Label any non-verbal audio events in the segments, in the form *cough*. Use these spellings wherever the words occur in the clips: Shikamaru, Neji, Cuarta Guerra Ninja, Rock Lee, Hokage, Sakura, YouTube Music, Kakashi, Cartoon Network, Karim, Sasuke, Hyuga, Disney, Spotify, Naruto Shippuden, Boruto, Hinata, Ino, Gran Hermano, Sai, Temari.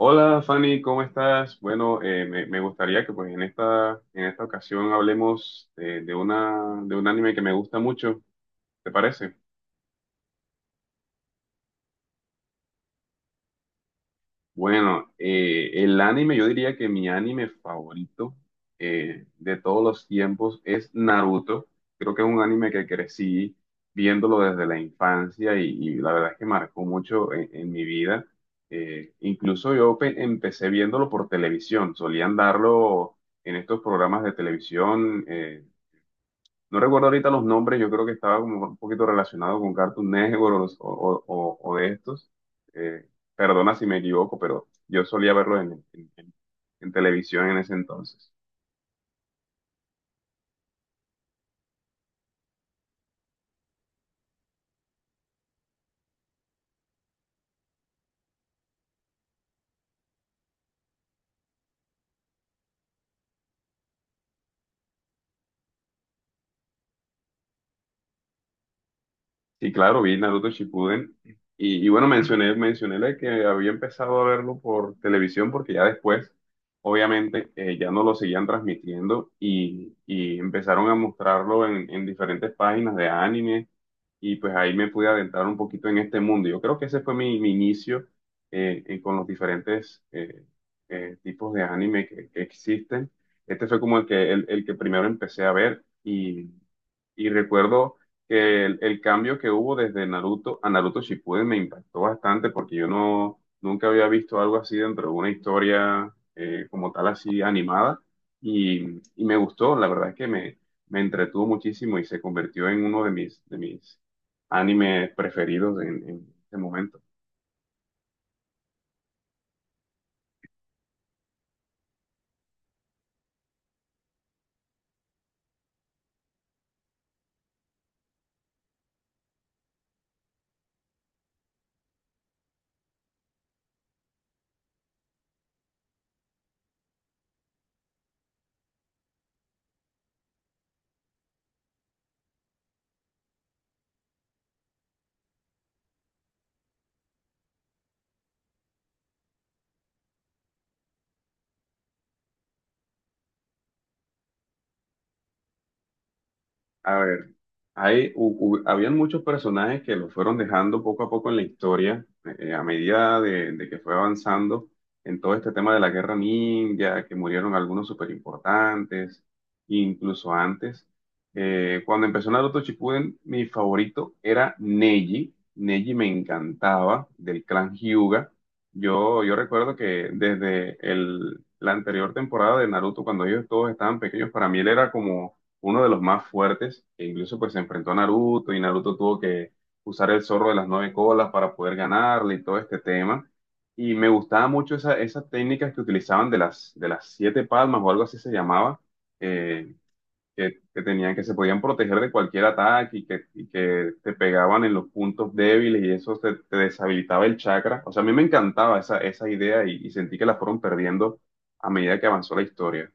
Hola Fanny, ¿cómo estás? Bueno, me gustaría que pues en esta ocasión hablemos de una, de un anime que me gusta mucho, ¿te parece? Bueno, el anime, yo diría que mi anime favorito de todos los tiempos es Naruto. Creo que es un anime que crecí viéndolo desde la infancia y la verdad es que marcó mucho en mi vida. Incluso empecé viéndolo por televisión. Solían darlo en estos programas de televisión. No recuerdo ahorita los nombres, yo creo que estaba como un poquito relacionado con Cartoon Network o, o de estos. Eh, Perdona si me equivoco, pero yo solía verlos en, en televisión en ese entonces. Sí, claro, vi Naruto Shippuden. Y bueno, mencioné la que había empezado a verlo por televisión porque ya después, obviamente, ya no lo seguían transmitiendo y empezaron a mostrarlo en diferentes páginas de anime y pues ahí me pude adentrar un poquito en este mundo. Yo creo que ese fue mi inicio con los diferentes tipos de anime que existen. Este fue como el que, el que primero empecé a ver. Y... Y recuerdo que el cambio que hubo desde Naruto a Naruto Shippuden me impactó bastante porque yo no nunca había visto algo así dentro de una historia como tal así animada y me gustó, la verdad es que me entretuvo muchísimo y se convirtió en uno de mis animes preferidos en este momento. A ver, habían muchos personajes que lo fueron dejando poco a poco en la historia, a medida de que fue avanzando en todo este tema de la guerra ninja, que murieron algunos súper importantes, incluso antes. Cuando empezó Naruto Shippuden, mi favorito era Neji. Neji me encantaba, del clan Hyuga. Yo recuerdo que desde el, la anterior temporada de Naruto, cuando ellos todos estaban pequeños, para mí él era como uno de los más fuertes, que incluso pues se enfrentó a Naruto y Naruto tuvo que usar el zorro de las nueve colas para poder ganarle y todo este tema. Y me gustaba mucho esa, esas técnicas que utilizaban de las siete palmas o algo así se llamaba, eh, que tenían, que se podían proteger de cualquier ataque y que te pegaban en los puntos débiles y eso te, te deshabilitaba el chakra. O sea, a mí me encantaba esa, esa idea y sentí que la fueron perdiendo a medida que avanzó la historia.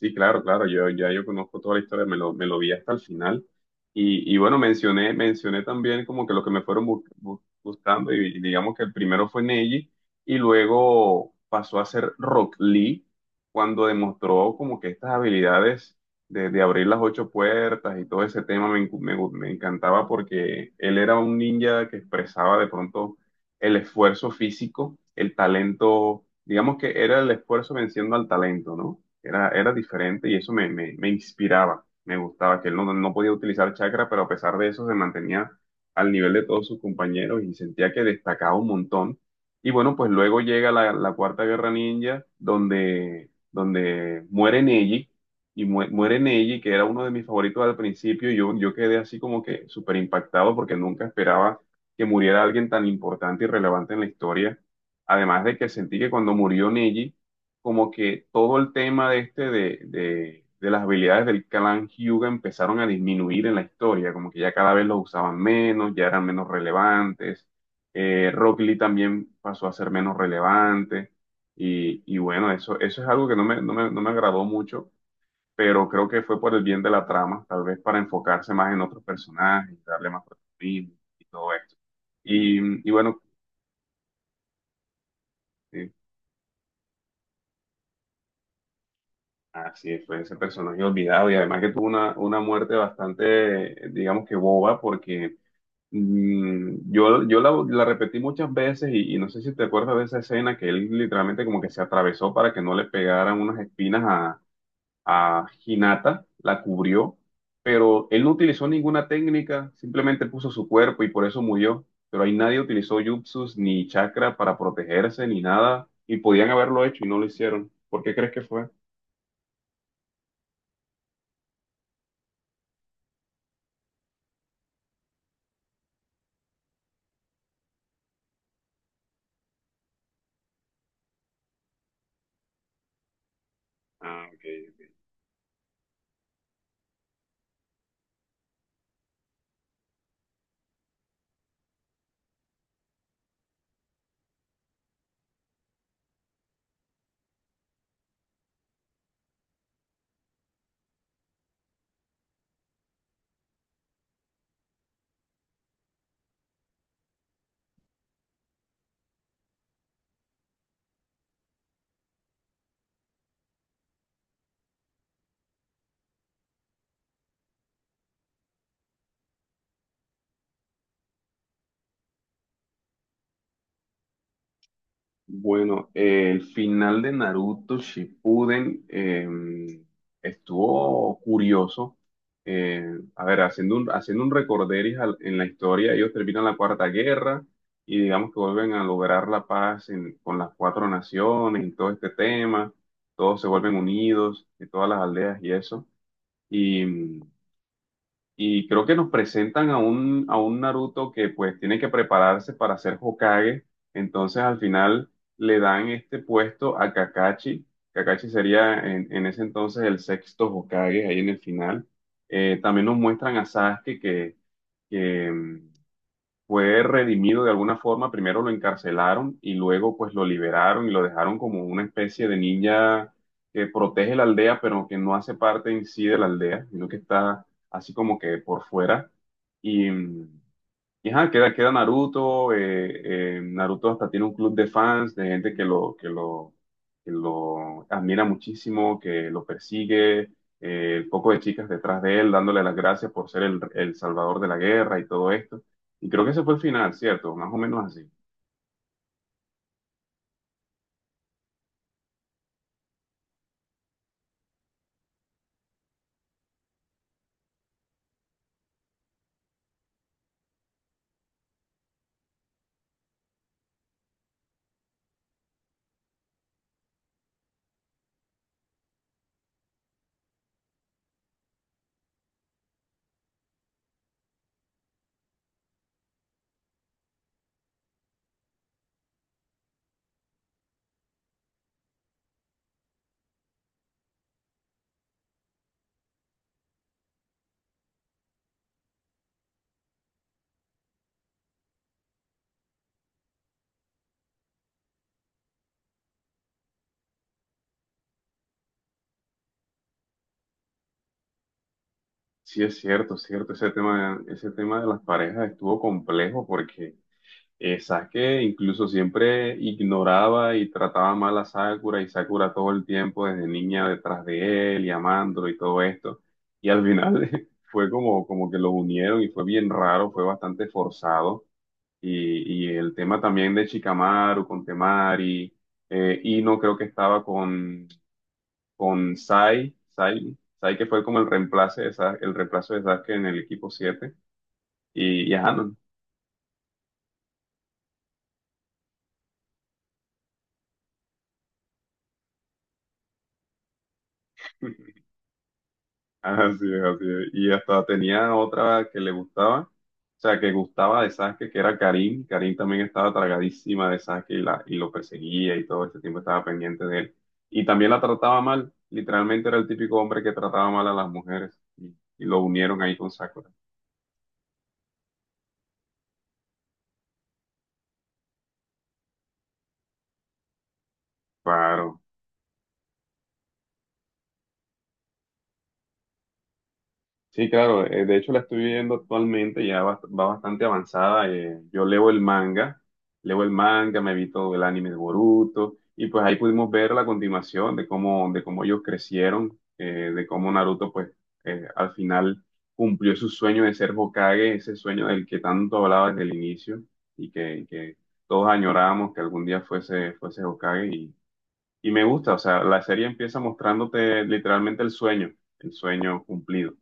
Sí, claro, claro, yo ya yo conozco toda la historia, me lo vi hasta el final. Y bueno, mencioné también como que lo que me fueron gustando, y digamos que el primero fue Neji, y luego pasó a ser Rock Lee, cuando demostró como que estas habilidades de abrir las ocho puertas y todo ese tema me, encu- me, gu- me encantaba porque él era un ninja que expresaba de pronto el esfuerzo físico, el talento, digamos que era el esfuerzo venciendo al talento, ¿no? Era diferente y eso me inspiraba, me gustaba, que él no, no podía utilizar chakra, pero a pesar de eso se mantenía al nivel de todos sus compañeros y sentía que destacaba un montón. Y bueno, pues luego llega la, la Cuarta Guerra Ninja, donde, donde muere Neji, y muere Neji, que era uno de mis favoritos al principio, y yo quedé así como que súper impactado porque nunca esperaba que muriera alguien tan importante y relevante en la historia. Además de que sentí que cuando murió Neji, como que todo el tema de de las habilidades del clan Hyuga empezaron a disminuir en la historia, como que ya cada vez los usaban menos, ya eran menos relevantes. Rock Lee también pasó a ser menos relevante. Y bueno, eso es algo que no me agradó mucho, pero creo que fue por el bien de la trama, tal vez para enfocarse más en otros personajes, darle más protagonismo y todo esto. Y bueno, eh, así es, fue ese personaje olvidado y además que tuvo una muerte bastante, digamos que boba, porque yo la, la repetí muchas veces y no sé si te acuerdas de esa escena que él literalmente como que se atravesó para que no le pegaran unas espinas a Hinata, la cubrió, pero él no utilizó ninguna técnica, simplemente puso su cuerpo y por eso murió, pero ahí nadie utilizó jutsus ni chakra para protegerse ni nada y podían haberlo hecho y no lo hicieron. ¿Por qué crees que fue? Ah, ok. Ok. Bueno, el final de Naruto Shippuden estuvo curioso. Eh, a ver, haciendo un recorderis en la historia, ellos terminan la Cuarta Guerra y digamos que vuelven a lograr la paz con las cuatro naciones y todo este tema. Todos se vuelven unidos, de todas las aldeas y eso. Y creo que nos presentan a un Naruto que pues tiene que prepararse para ser Hokage. Entonces al final le dan este puesto a Kakashi. Kakashi sería en ese entonces el sexto Hokage ahí en el final. También nos muestran a Sasuke que, que, mm, fue redimido de alguna forma, primero lo encarcelaron y luego pues lo liberaron y lo dejaron como una especie de ninja que protege la aldea, pero que no hace parte en sí de la aldea, sino que está así como que por fuera. Y, y ajá, queda, queda Naruto, Naruto hasta tiene un club de fans, de gente que lo, que lo admira muchísimo, que lo persigue, poco de chicas detrás de él, dándole las gracias por ser el salvador de la guerra y todo esto. Y creo que ese fue el final, ¿cierto? Más o menos así. Sí, es cierto, cierto. Ese tema de las parejas estuvo complejo porque Sasuke incluso siempre ignoraba y trataba mal a Sakura y Sakura todo el tiempo desde niña detrás de él y amándolo y todo esto. Y al final *laughs* fue como, como que los unieron y fue bien raro, fue bastante forzado. Y el tema también de Shikamaru con Temari, Ino creo que estaba con Sai, Sai que fue como el reemplazo de el reemplazo de Sasuke en el equipo siete. Y ajá, no, así es, así es. Y hasta tenía otra que le gustaba, o sea, que gustaba de Sasuke, que era Karim. Karim también estaba tragadísima de Sasuke y, y lo perseguía y todo este tiempo estaba pendiente de él. Y también la trataba mal, literalmente era el típico hombre que trataba mal a las mujeres. Y lo unieron ahí con Sakura. Claro. Sí, claro, de hecho la estoy viendo actualmente, ya va, va bastante avanzada. Yo leo el manga, me vi todo el anime de Boruto, y pues ahí pudimos ver la continuación de cómo ellos crecieron, de cómo Naruto pues al final cumplió su sueño de ser Hokage, ese sueño del que tanto hablaba desde el inicio y que todos añorábamos que algún día fuese Hokage. Y me gusta, o sea, la serie empieza mostrándote literalmente el sueño cumplido.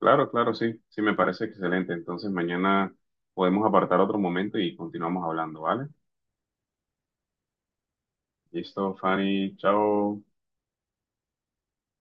Claro, claro, sí, sí, me parece excelente. Entonces mañana podemos apartar otro momento y continuamos hablando, ¿vale? Listo, Fanny, chao.